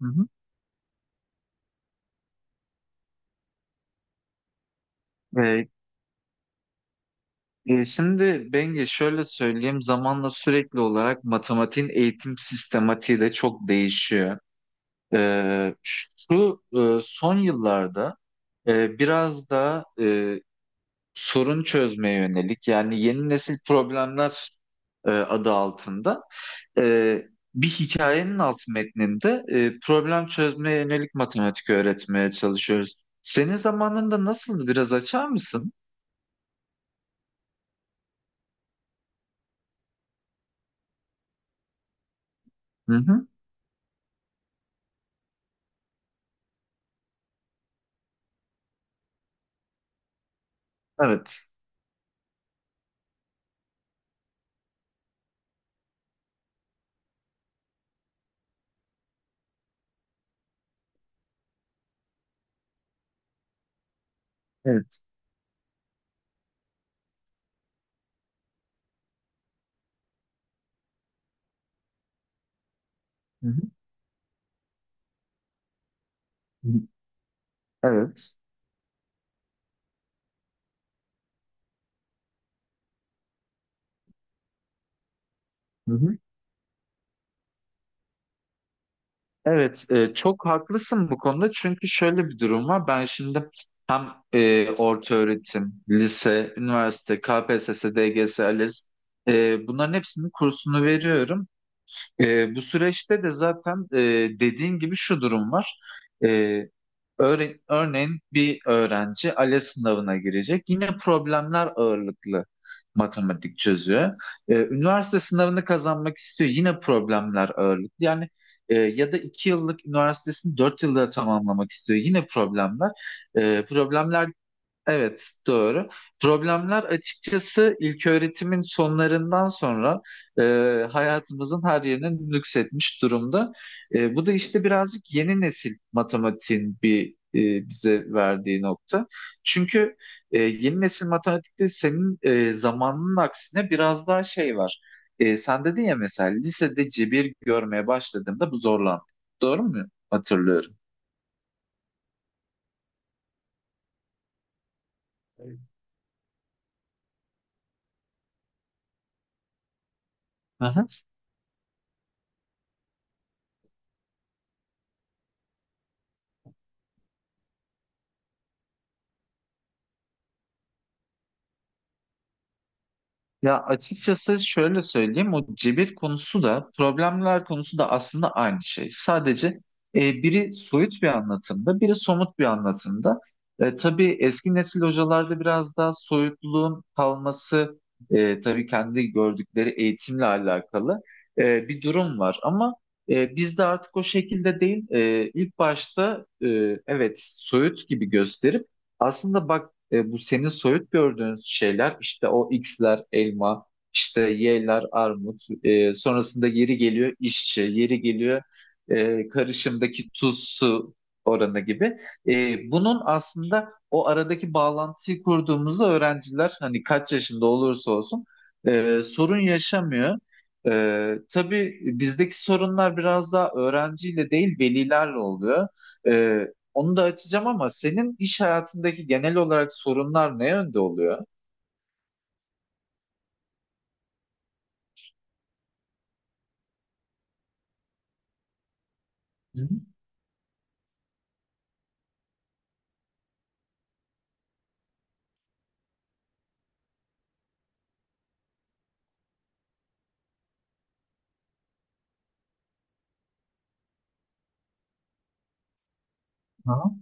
Hı hı. E, Şimdi Bengi şöyle söyleyeyim, zamanla sürekli olarak matematiğin eğitim sistematiği de çok değişiyor. E, Şu son yıllarda biraz da sorun çözmeye yönelik, yani yeni nesil problemler adı altında, e, bir hikayenin alt metninde problem çözmeye yönelik matematik öğretmeye çalışıyoruz. Senin zamanında nasıldı? Biraz açar mısın? Hı hı. Evet. Evet. Hı hı. Evet. Hı hı. Evet. Evet, çok haklısın bu konuda, çünkü şöyle bir durum var. Ben şimdi hem orta öğretim, lise, üniversite, KPSS, DGS, ALES, bunların hepsinin kursunu veriyorum. Bu süreçte de zaten dediğin gibi şu durum var. E, Örneğin bir öğrenci ALES sınavına girecek. Yine problemler ağırlıklı matematik çözüyor. Üniversite sınavını kazanmak istiyor. Yine problemler ağırlıklı. Yani ya da iki yıllık üniversitesini dört yılda tamamlamak istiyor. Yine problemler. Ee, problemler Evet, doğru. Problemler açıkçası ilköğretimin sonlarından sonra e, hayatımızın her yerine nüksetmiş durumda. Bu da işte birazcık yeni nesil matematiğin bir bize verdiği nokta. Çünkü yeni nesil matematikte senin zamanının aksine biraz daha şey var. Sen dedin ya, mesela lisede cebir görmeye başladığımda bu zorlandı. Doğru mu hatırlıyorum? Evet. Ya açıkçası şöyle söyleyeyim, o cebir konusu da problemler konusu da aslında aynı şey. Sadece biri soyut bir anlatımda, biri somut bir anlatımda. Tabii eski nesil hocalarda biraz daha soyutluğun kalması, tabii kendi gördükleri eğitimle alakalı bir durum var. Ama bizde artık o şekilde değil. İlk başta evet soyut gibi gösterip aslında bak bu senin soyut gördüğün şeyler, işte o X'ler elma, işte Y'ler armut, sonrasında yeri geliyor işçi, yeri geliyor karışımdaki tuz su oranı gibi. Bunun aslında o aradaki bağlantıyı kurduğumuzda öğrenciler, hani kaç yaşında olursa olsun, sorun yaşamıyor. Tabii bizdeki sorunlar biraz daha öğrenciyle değil, velilerle oluyor. E, Onu da açacağım, ama senin iş hayatındaki genel olarak sorunlar ne yönde oluyor? Hı hı. Aha.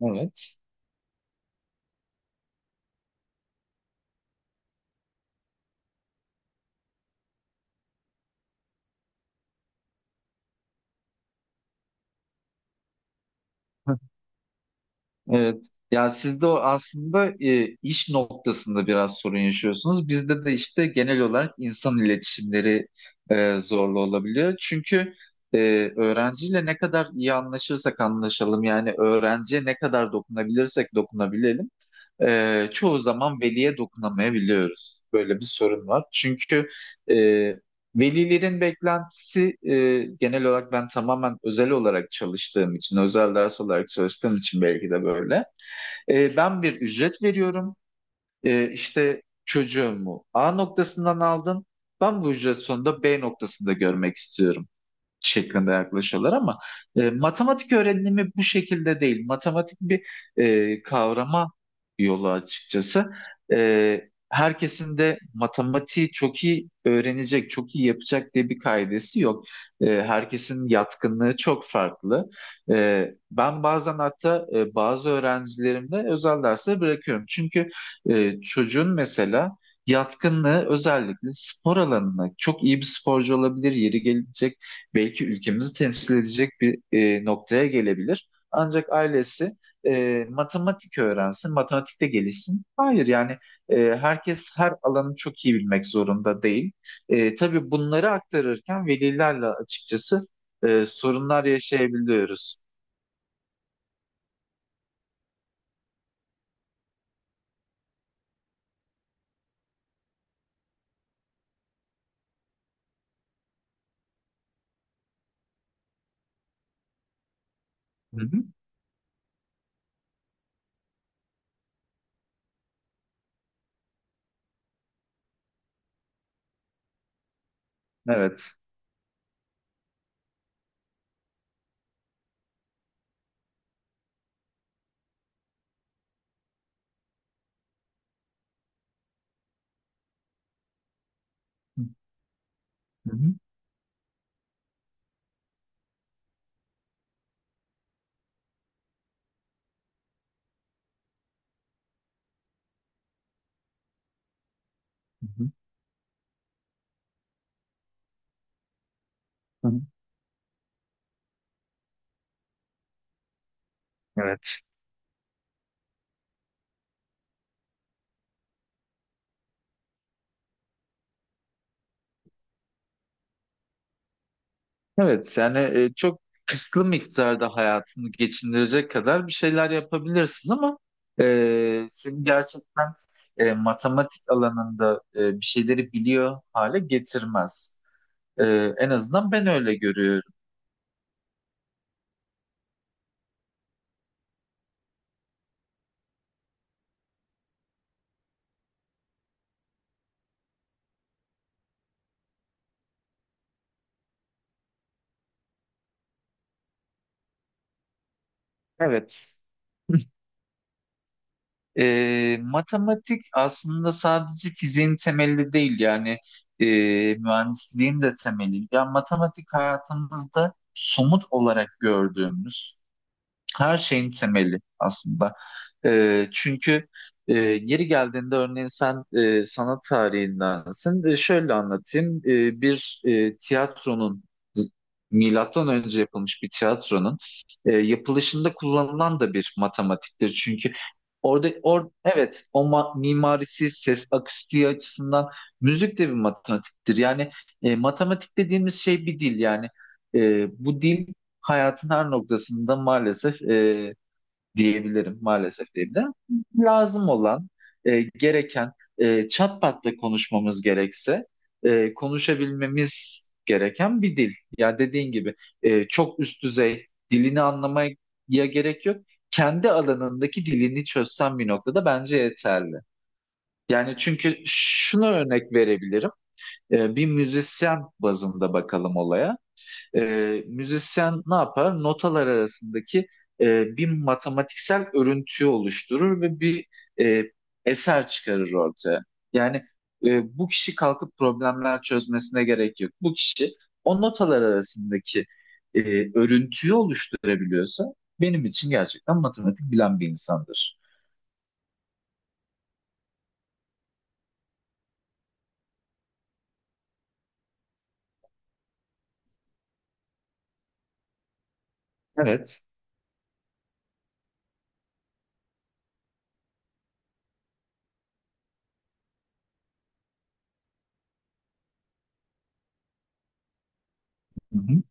Evet. Evet. Ya sizde o aslında iş noktasında biraz sorun yaşıyorsunuz. Bizde de işte genel olarak insan iletişimleri zorlu olabiliyor. Çünkü e, öğrenciyle ne kadar iyi anlaşırsak anlaşalım, yani öğrenciye ne kadar dokunabilirsek dokunabilelim, çoğu zaman veliye dokunamayabiliyoruz. Böyle bir sorun var. Çünkü e, velilerin beklentisi, genel olarak ben tamamen özel olarak çalıştığım için, özel ders olarak çalıştığım için belki de böyle. Ben bir ücret veriyorum. İşte çocuğumu A noktasından aldım. Ben bu ücret sonunda B noktasında görmek istiyorum şeklinde yaklaşıyorlar, ama matematik öğrenimi bu şekilde değil. Matematik bir kavrama yolu açıkçası. Herkesin de matematiği çok iyi öğrenecek, çok iyi yapacak diye bir kaidesi yok. Herkesin yatkınlığı çok farklı. E, Ben bazen hatta bazı öğrencilerimde özel dersleri bırakıyorum. Çünkü çocuğun mesela yatkınlığı özellikle spor alanına, çok iyi bir sporcu olabilir, yeri gelecek belki ülkemizi temsil edecek bir noktaya gelebilir. Ancak ailesi matematik öğrensin, matematikte gelişsin. Hayır yani herkes her alanı çok iyi bilmek zorunda değil. Tabii bunları aktarırken velilerle açıkçası sorunlar yaşayabiliyoruz. Hı hı. Evet. Hı hı. Hı hı. Hı hı. Evet. Evet yani çok kısıtlı miktarda hayatını geçindirecek kadar bir şeyler yapabilirsin, ama seni gerçekten matematik alanında bir şeyleri biliyor hale getirmez. E, En azından ben öyle görüyorum. Evet. Matematik aslında sadece fiziğin temeli değil, yani e, mühendisliğin de temeli. Yani matematik hayatımızda somut olarak gördüğümüz her şeyin temeli aslında. Çünkü yeri geldiğinde, örneğin sen sanat tarihindensin. Şöyle anlatayım. Bir tiyatronun, milattan önce yapılmış bir tiyatronun yapılışında kullanılan da bir matematiktir. Çünkü evet, mimarisi, ses akustiği açısından müzik de bir matematiktir. Yani matematik dediğimiz şey bir dil, yani. Bu dil hayatın her noktasında, maalesef diyebilirim, maalesef diyebilirim. Lazım olan, gereken, çat patla konuşmamız gerekse, konuşabilmemiz gereken bir dil. Ya dediğin gibi çok üst düzey dilini anlamaya gerek yok. Kendi alanındaki dilini çözsen bir noktada bence yeterli. Yani çünkü şunu örnek verebilirim. Bir müzisyen bazında bakalım olaya. E, Müzisyen ne yapar? Notalar arasındaki bir matematiksel örüntüyü oluşturur ve bir e, eser çıkarır ortaya. Yani bu kişi kalkıp problemler çözmesine gerek yok. Bu kişi o notalar arasındaki e, örüntüyü oluşturabiliyorsa benim için gerçekten matematik bilen bir insandır. Evet. Hı hı.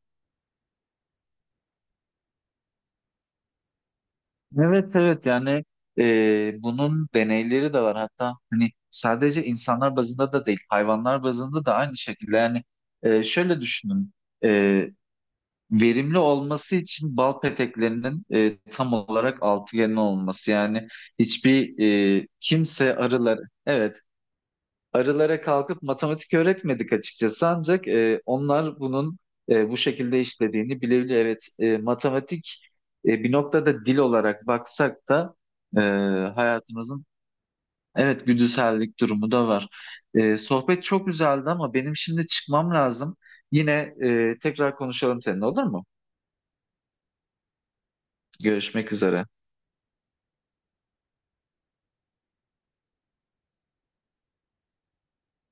Evet, evet, yani bunun deneyleri de var hatta, hani sadece insanlar bazında da değil, hayvanlar bazında da aynı şekilde. Yani şöyle düşünün, e, verimli olması için bal peteklerinin tam olarak altıgenli olması, yani hiçbir kimse arılar, evet, arılara kalkıp matematik öğretmedik açıkçası, ancak onlar bunun bu şekilde işlediğini bilebilir. Evet, matematik bir noktada dil olarak baksak da e, hayatımızın, evet, güdüsellik durumu da var. Sohbet çok güzeldi, ama benim şimdi çıkmam lazım. Yine tekrar konuşalım seninle, olur mu? Görüşmek üzere.